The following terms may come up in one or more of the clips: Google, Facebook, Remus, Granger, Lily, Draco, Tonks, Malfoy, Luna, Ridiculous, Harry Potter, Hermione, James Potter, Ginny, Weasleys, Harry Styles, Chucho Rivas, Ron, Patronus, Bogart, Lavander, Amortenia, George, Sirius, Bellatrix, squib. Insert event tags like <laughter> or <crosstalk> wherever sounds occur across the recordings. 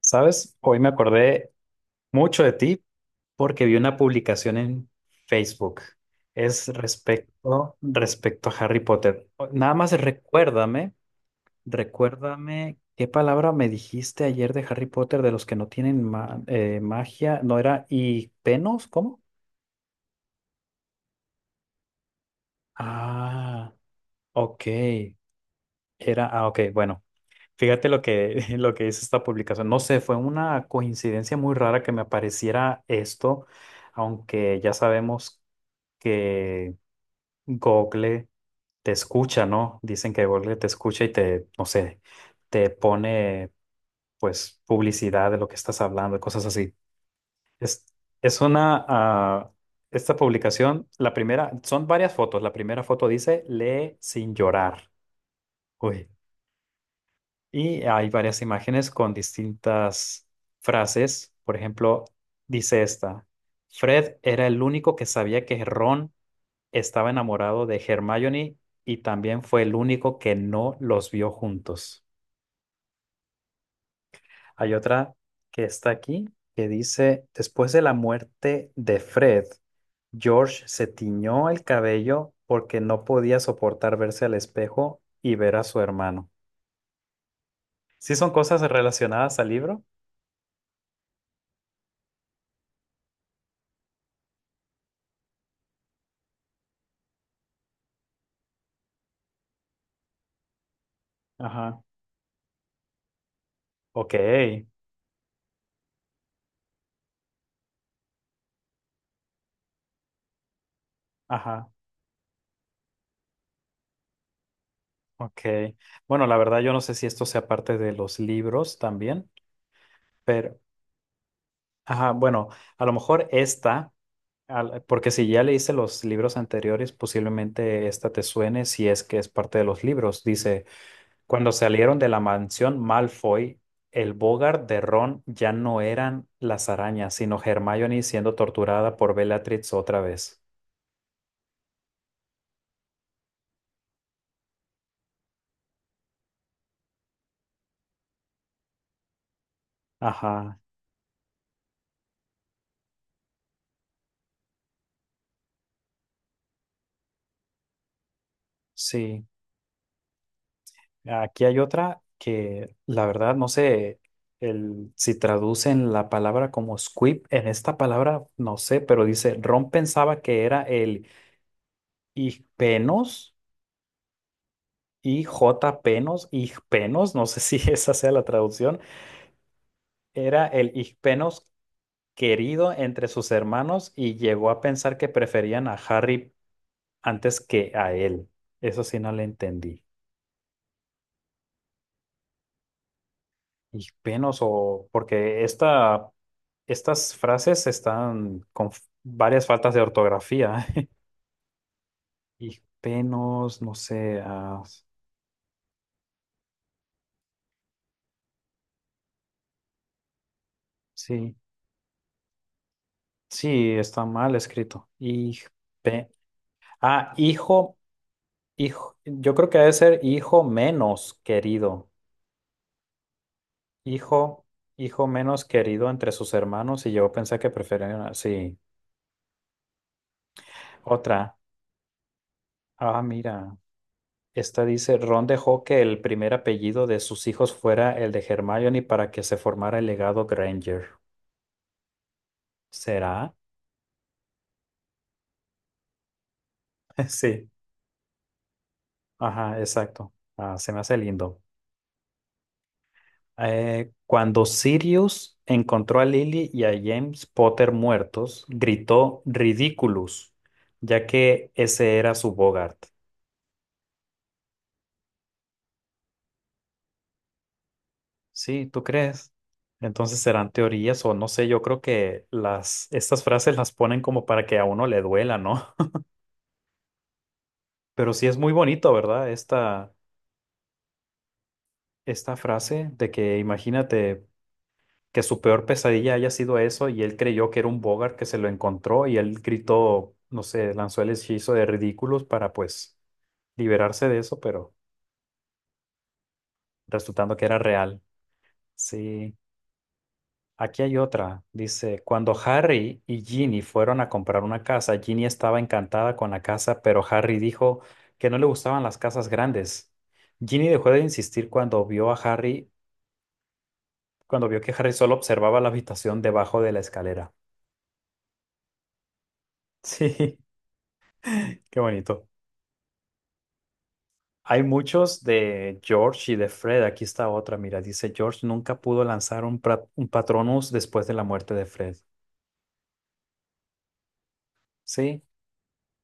¿Sabes? Hoy me acordé mucho de ti porque vi una publicación en Facebook. Es respecto a Harry Potter. Nada más recuérdame qué palabra me dijiste ayer de Harry Potter de los que no tienen magia. ¿No era y penos? ¿Cómo? Ah, ok. Era, ah, ok, bueno. Fíjate <laughs> lo que dice esta publicación. No sé, fue una coincidencia muy rara que me apareciera esto, aunque ya sabemos que Google te escucha, ¿no? Dicen que Google te escucha y te, no sé, te pone pues publicidad de lo que estás hablando, cosas así. Es, es una, esta publicación, la primera, son varias fotos. La primera foto dice, lee sin llorar. Uy. Y hay varias imágenes con distintas frases. Por ejemplo, dice esta, Fred era el único que sabía que Ron estaba enamorado de Hermione y también fue el único que no los vio juntos. Hay otra que está aquí que dice, después de la muerte de Fred, George se tiñó el cabello porque no podía soportar verse al espejo y ver a su hermano. ¿Sí son cosas relacionadas al libro? Ajá. Ok, ajá, ok. Bueno, la verdad yo no sé si esto sea parte de los libros también, pero, ajá, bueno, a lo mejor esta, porque si ya leíste los libros anteriores, posiblemente esta te suene si es que es parte de los libros. Dice, cuando salieron de la mansión Malfoy, el Bogart de Ron ya no eran las arañas, sino Hermione siendo torturada por Bellatrix otra vez. Ajá, sí. Aquí hay otra que la verdad no sé el, si traducen la palabra como squib en esta palabra, no sé, pero dice, Ron pensaba que era el igpenos, IJpenos, igpenos, no sé si <laughs> esa sea la traducción, era el igpenos querido entre sus hermanos y llegó a pensar que preferían a Harry antes que a él. Eso sí no le entendí. Y penos o porque estas frases están con varias faltas de ortografía. <laughs> Y penos, no sé, sí, sí, está mal escrito. Y pe- ah, hijo, hijo, yo creo que debe ser hijo menos querido. Hijo, hijo menos querido entre sus hermanos y yo pensé que preferían, sí, otra. Ah, mira. Esta dice, Ron dejó que el primer apellido de sus hijos fuera el de Hermione para que se formara el legado Granger. ¿Será? <laughs> Sí. Ajá, exacto. Ah, se me hace lindo. Cuando Sirius encontró a Lily y a James Potter muertos, gritó Ridiculous, ya que ese era su Bogart. Sí, ¿tú crees? Entonces serán teorías o no sé, yo creo que las, estas frases las ponen como para que a uno le duela, ¿no? Pero sí es muy bonito, ¿verdad? Esta frase de que imagínate que su peor pesadilla haya sido eso y él creyó que era un Bogart que se lo encontró y él gritó, no sé, lanzó el hechizo de ridículos para pues liberarse de eso, pero resultando que era real. Sí. Aquí hay otra. Dice, cuando Harry y Ginny fueron a comprar una casa, Ginny estaba encantada con la casa, pero Harry dijo que no le gustaban las casas grandes. Ginny dejó de insistir cuando vio a Harry cuando vio que Harry solo observaba la habitación debajo de la escalera. Sí, <laughs> qué bonito. Hay muchos de George y de Fred. Aquí está otra, mira, dice George nunca pudo lanzar un Patronus después de la muerte de Fred. Sí,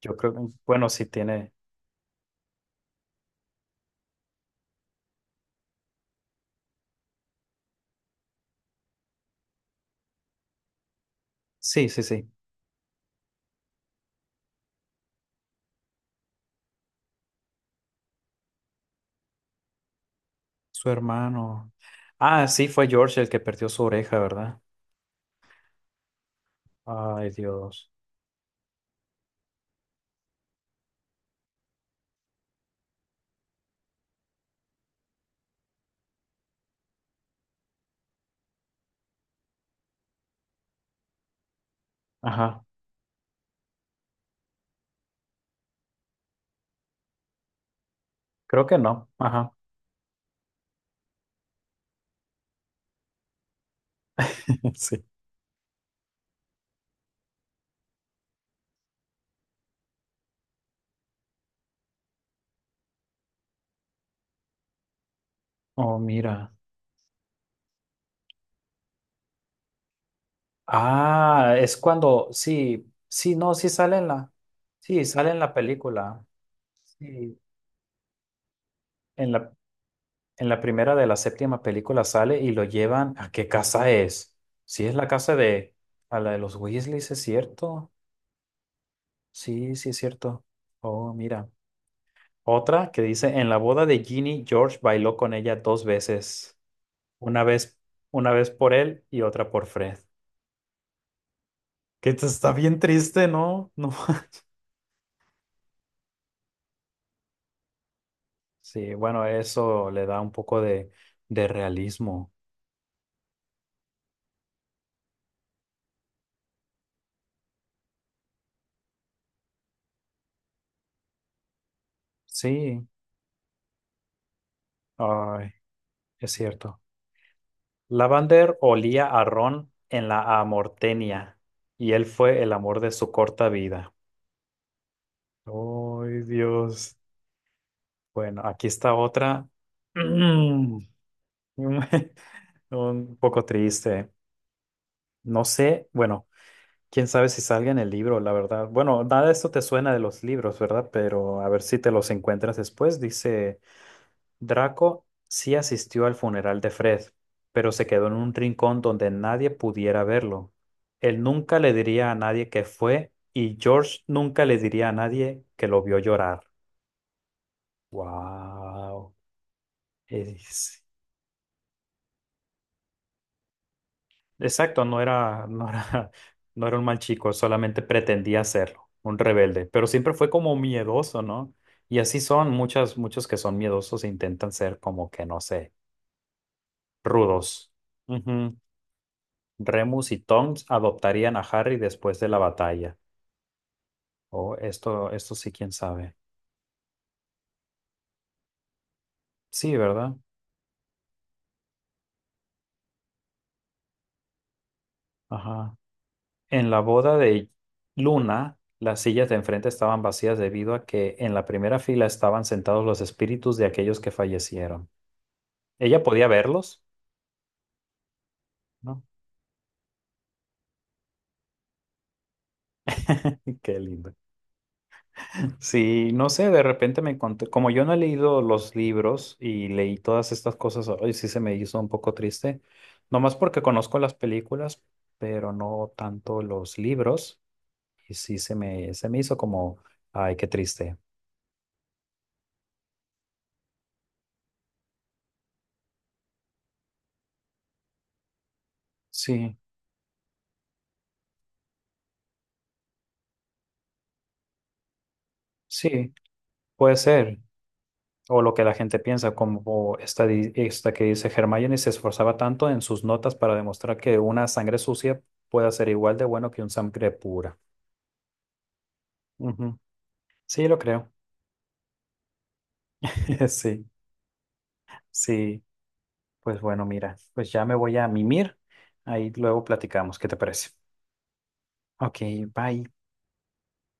yo creo, bueno, sí tiene, sí, sí, sí, su hermano. Ah, sí, fue George el que perdió su oreja, ¿verdad? Ay, Dios. Ajá, creo que no, ajá, <laughs> sí. Oh, mira. Ah, es cuando, sí, sí, no, sí sale en sí, sale en la película. Sí, en la, en la primera de la séptima película sale y lo llevan a qué casa es. Sí, es la casa de, a la de los Weasleys, ¿es cierto? Sí, sí, es cierto. Oh, mira. Otra que dice, en la boda de Ginny, George bailó con ella dos veces. Una vez, una vez por él y otra por Fred. Que esto está bien triste, ¿no? <laughs> No. Sí, bueno, eso le da un poco de realismo. Sí, ay, es cierto. Lavander olía a Ron en la Amortenia y él fue el amor de su corta vida. Ay, Dios. Bueno, aquí está otra. Mm, <laughs> Un poco triste. No sé, bueno, quién sabe si salga en el libro, la verdad. Bueno, nada de esto te suena de los libros, ¿verdad? Pero a ver si te los encuentras después, dice. Draco sí asistió al funeral de Fred, pero se quedó en un rincón donde nadie pudiera verlo. Él nunca le diría a nadie que fue y George nunca le diría a nadie que lo vio llorar. Wow. Es- Exacto, no era, <laughs> no era un mal chico, solamente pretendía serlo, un rebelde, pero siempre fue como miedoso, ¿no? Y así son muchos que son miedosos e intentan ser como que, no sé, rudos. Remus y Tonks adoptarían a Harry después de la batalla. Oh, esto sí, quién sabe. Sí, ¿verdad? Ajá. En la boda de Luna, las sillas de enfrente estaban vacías debido a que en la primera fila estaban sentados los espíritus de aquellos que fallecieron. ¿Ella podía verlos? ¿No? <laughs> Qué lindo. Sí, no sé, de repente me encontré, como yo no he leído los libros y leí todas estas cosas, hoy sí se me hizo un poco triste, nomás porque conozco las películas, pero no tanto los libros, y sí se me hizo como, ay, qué triste. Sí, sí, puede ser, o lo que la gente piensa, como esta que dice Hermione se esforzaba tanto en sus notas para demostrar que una sangre sucia puede ser igual de bueno que un sangre pura. Ujú. Sí, lo creo, <laughs> sí. Sí, pues bueno, mira, pues ya me voy a mimir. Ahí luego platicamos, ¿qué te parece? Ok, bye.